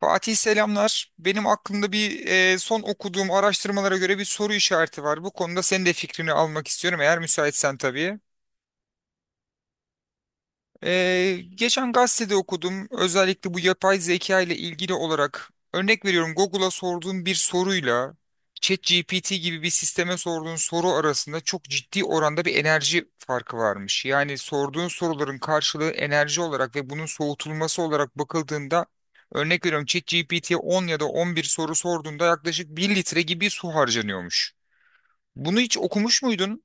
Fatih selamlar. Benim aklımda bir son okuduğum araştırmalara göre bir soru işareti var. Bu konuda senin de fikrini almak istiyorum eğer müsaitsen tabii. Geçen gazetede okudum. Özellikle bu yapay zeka ile ilgili olarak örnek veriyorum Google'a sorduğun bir soruyla ChatGPT gibi bir sisteme sorduğun soru arasında çok ciddi oranda bir enerji farkı varmış. Yani sorduğun soruların karşılığı enerji olarak ve bunun soğutulması olarak bakıldığında örnek veriyorum ChatGPT'ye 10 ya da 11 soru sorduğunda yaklaşık bir litre gibi su harcanıyormuş. Bunu hiç okumuş muydun?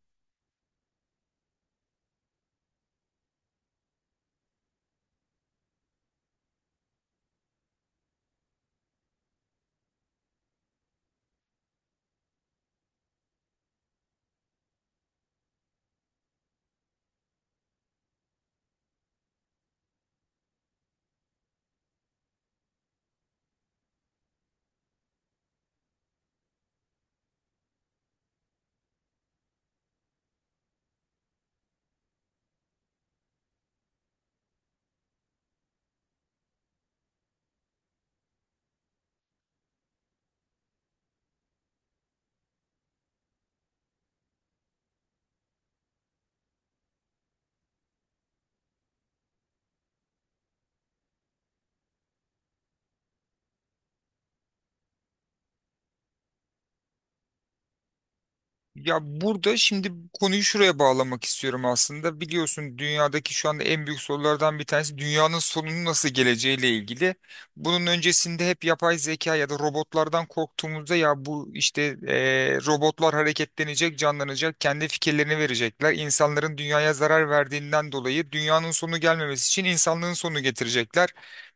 Ya burada şimdi konuyu şuraya bağlamak istiyorum aslında. Biliyorsun dünyadaki şu anda en büyük sorulardan bir tanesi dünyanın sonunun nasıl geleceğiyle ilgili. Bunun öncesinde hep yapay zeka ya da robotlardan korktuğumuzda ya bu işte robotlar hareketlenecek, canlanacak, kendi fikirlerini verecekler. İnsanların dünyaya zarar verdiğinden dolayı dünyanın sonu gelmemesi için insanlığın sonu getirecekler.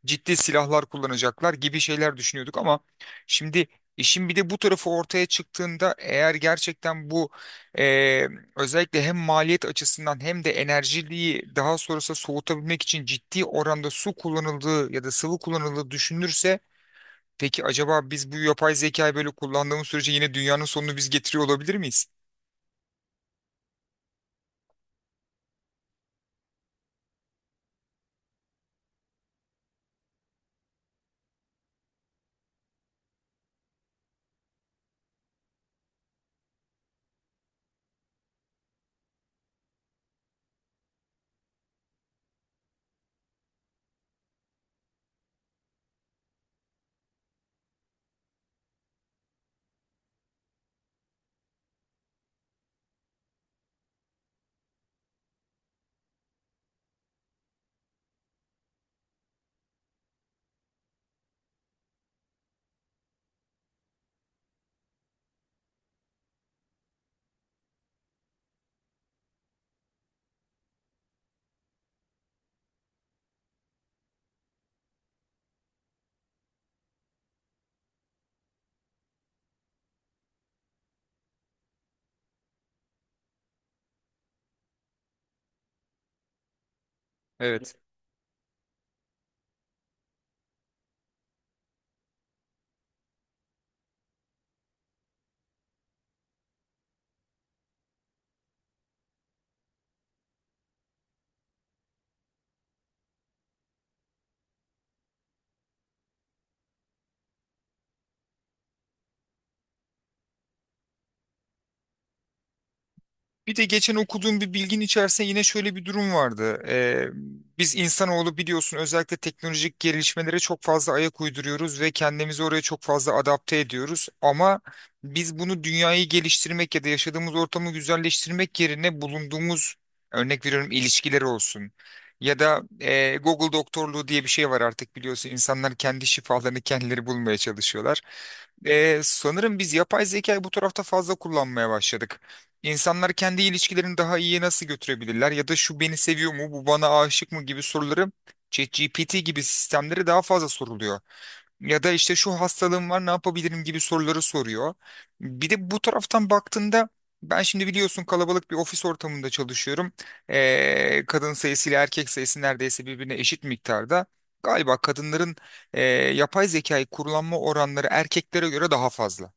Ciddi silahlar kullanacaklar gibi şeyler düşünüyorduk ama şimdi İşin bir de bu tarafı ortaya çıktığında eğer gerçekten bu eee, özellikle hem maliyet açısından hem de enerjiliği daha sonrası soğutabilmek için ciddi oranda su kullanıldığı ya da sıvı kullanıldığı düşünülürse peki acaba biz bu yapay zekayı böyle kullandığımız sürece yine dünyanın sonunu biz getiriyor olabilir miyiz? Bir de geçen okuduğum bir bilgin içerisinde yine şöyle bir durum vardı. Biz insanoğlu biliyorsun özellikle teknolojik gelişmelere çok fazla ayak uyduruyoruz ve kendimizi oraya çok fazla adapte ediyoruz. Ama biz bunu dünyayı geliştirmek ya da yaşadığımız ortamı güzelleştirmek yerine bulunduğumuz örnek veriyorum ilişkiler olsun. Ya da Google doktorluğu diye bir şey var artık biliyorsun insanlar kendi şifalarını kendileri bulmaya çalışıyorlar. Sanırım biz yapay zekayı bu tarafta fazla kullanmaya başladık. İnsanlar kendi ilişkilerini daha iyiye nasıl götürebilirler ya da şu beni seviyor mu, bu bana aşık mı gibi soruları ChatGPT gibi sistemlere daha fazla soruluyor. Ya da işte şu hastalığım var ne yapabilirim gibi soruları soruyor. Bir de bu taraftan baktığında ben şimdi biliyorsun kalabalık bir ofis ortamında çalışıyorum. Kadın sayısı ile erkek sayısı neredeyse birbirine eşit miktarda. Galiba kadınların e, yapay zekayı kullanma oranları erkeklere göre daha fazla.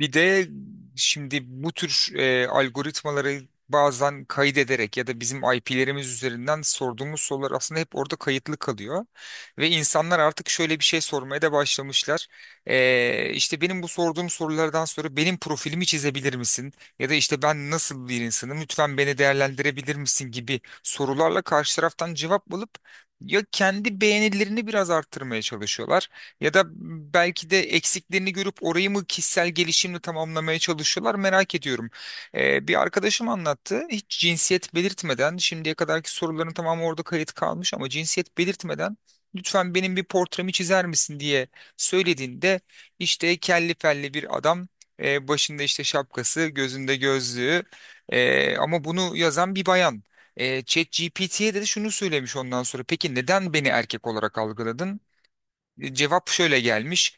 Bir de şimdi bu tür algoritmaları bazen kaydederek ya da bizim IP'lerimiz üzerinden sorduğumuz sorular aslında hep orada kayıtlı kalıyor. Ve insanlar artık şöyle bir şey sormaya da başlamışlar. E, işte benim bu sorduğum sorulardan sonra benim profilimi çizebilir misin? Ya da işte ben nasıl bir insanım? Lütfen beni değerlendirebilir misin gibi sorularla karşı taraftan cevap alıp ya kendi beğenilerini biraz arttırmaya çalışıyorlar ya da belki de eksiklerini görüp orayı mı kişisel gelişimle tamamlamaya çalışıyorlar merak ediyorum. Bir arkadaşım anlattı. Hiç cinsiyet belirtmeden şimdiye kadarki soruların tamamı orada kayıt kalmış ama cinsiyet belirtmeden lütfen benim bir portremi çizer misin diye söylediğinde işte kelli felli bir adam, başında işte şapkası gözünde gözlüğü, ama bunu yazan bir bayan. ChatGPT'ye de şunu söylemiş ondan sonra. Peki neden beni erkek olarak algıladın? Cevap şöyle gelmiş.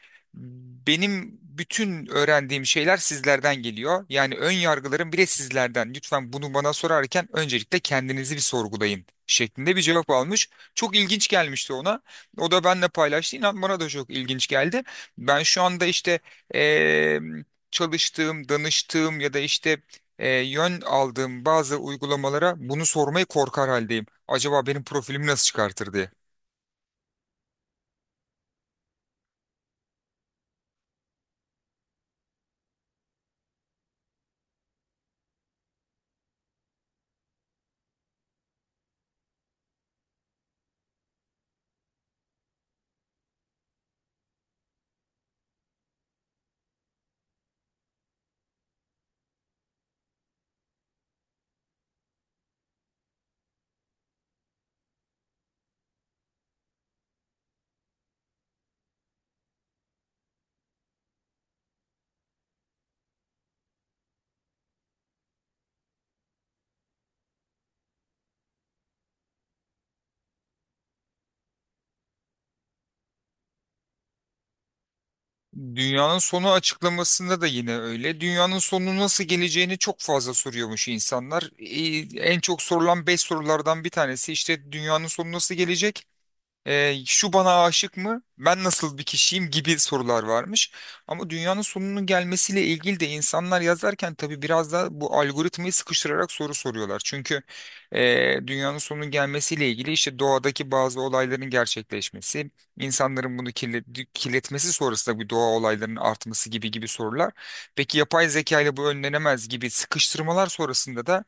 Benim bütün öğrendiğim şeyler sizlerden geliyor. Yani ön yargılarım bile sizlerden. Lütfen bunu bana sorarken öncelikle kendinizi bir sorgulayın şeklinde bir cevap almış. Çok ilginç gelmişti ona. O da benimle paylaştı. İnan bana da çok ilginç geldi. Ben şu anda işte eee, çalıştığım, danıştığım ya da işte yön aldığım bazı uygulamalara bunu sormayı korkar haldeyim. Acaba benim profilimi nasıl çıkartır diye. Dünyanın sonu açıklamasında da yine öyle. Dünyanın sonu nasıl geleceğini çok fazla soruyormuş insanlar. En çok sorulan 5 sorulardan bir tanesi işte dünyanın sonu nasıl gelecek? Şu bana aşık mı? Ben nasıl bir kişiyim gibi sorular varmış. Ama dünyanın sonunun gelmesiyle ilgili de insanlar yazarken tabii biraz da bu algoritmayı sıkıştırarak soru soruyorlar. Çünkü dünyanın sonunun gelmesiyle ilgili işte doğadaki bazı olayların gerçekleşmesi, insanların bunu kirletmesi sonrasında bu doğa olaylarının artması gibi gibi sorular. Peki yapay zeka ile bu önlenemez gibi sıkıştırmalar sonrasında da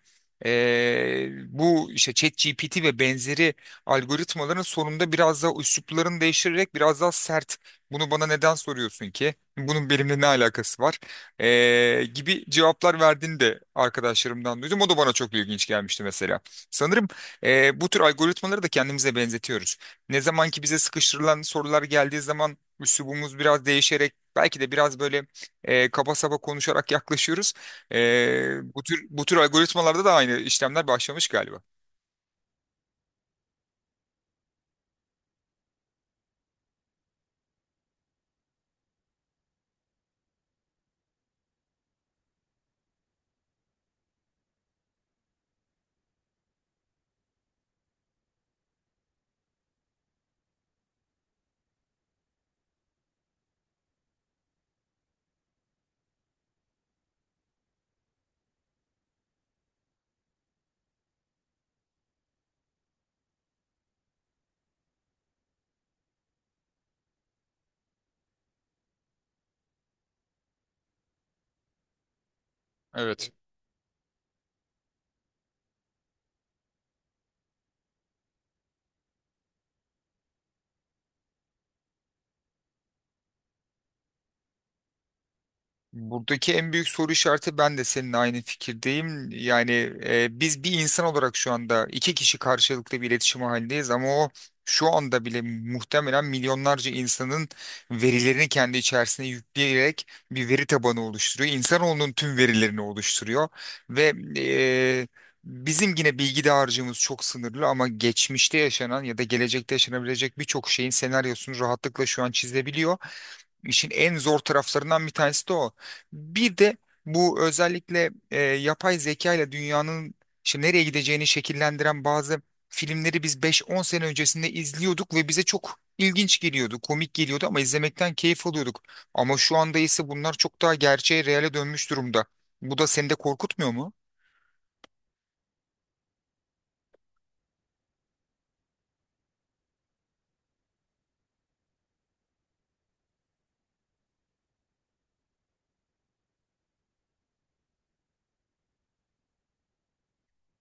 bu işte ChatGPT ve benzeri algoritmaların sonunda biraz daha üsluplarını değiştirerek biraz daha sert. Bunu bana neden soruyorsun ki? Bunun benimle ne alakası var? Gibi cevaplar verdiğini de arkadaşlarımdan duydum. O da bana çok ilginç gelmişti mesela. Sanırım bu tür algoritmaları da kendimize benzetiyoruz. Ne zaman ki bize sıkıştırılan sorular geldiği zaman üslubumuz biraz değişerek belki de biraz böyle kaba saba konuşarak yaklaşıyoruz. Bu tür algoritmalarda da aynı işlemler başlamış galiba. Evet. Buradaki en büyük soru işareti ben de seninle aynı fikirdeyim. Yani biz bir insan olarak şu anda iki kişi karşılıklı bir iletişim halindeyiz ama o şu anda bile muhtemelen milyonlarca insanın verilerini kendi içerisine yükleyerek bir veri tabanı oluşturuyor. İnsanoğlunun tüm verilerini oluşturuyor ve bizim yine bilgi dağarcığımız çok sınırlı ama geçmişte yaşanan ya da gelecekte yaşanabilecek birçok şeyin senaryosunu rahatlıkla şu an çizebiliyor. İşin en zor taraflarından bir tanesi de o. Bir de bu özellikle yapay zeka ile dünyanın işte nereye gideceğini şekillendiren bazı filmleri biz beş on sene öncesinde izliyorduk ve bize çok ilginç geliyordu, komik geliyordu ama izlemekten keyif alıyorduk. Ama şu anda ise bunlar çok daha gerçeğe, reale dönmüş durumda. Bu da seni de korkutmuyor mu?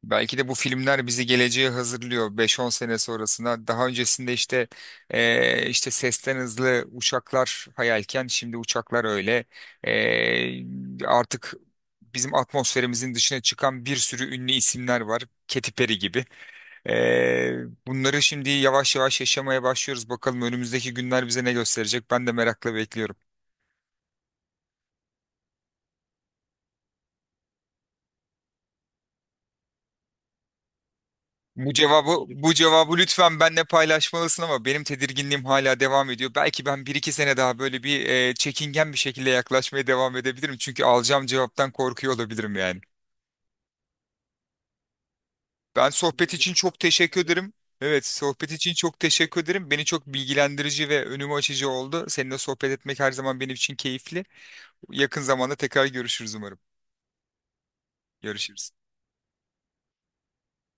Belki de bu filmler bizi geleceğe hazırlıyor beş on sene sonrasına. Daha öncesinde işte işte sesten hızlı uçaklar hayalken şimdi uçaklar öyle. Eee, artık bizim atmosferimizin dışına çıkan bir sürü ünlü isimler var. Katy Perry gibi. Bunları şimdi yavaş yavaş yaşamaya başlıyoruz. Bakalım önümüzdeki günler bize ne gösterecek? Ben de merakla bekliyorum. Bu cevabı bu cevabı lütfen benle paylaşmalısın ama benim tedirginliğim hala devam ediyor. Belki ben bir iki sene daha böyle bir çekingen bir şekilde yaklaşmaya devam edebilirim. Çünkü alacağım cevaptan korkuyor olabilirim yani. Ben sohbet için çok teşekkür ederim. Evet, sohbet için çok teşekkür ederim. Beni çok bilgilendirici ve önümü açıcı oldu. Seninle sohbet etmek her zaman benim için keyifli. Yakın zamanda tekrar görüşürüz umarım. Görüşürüz.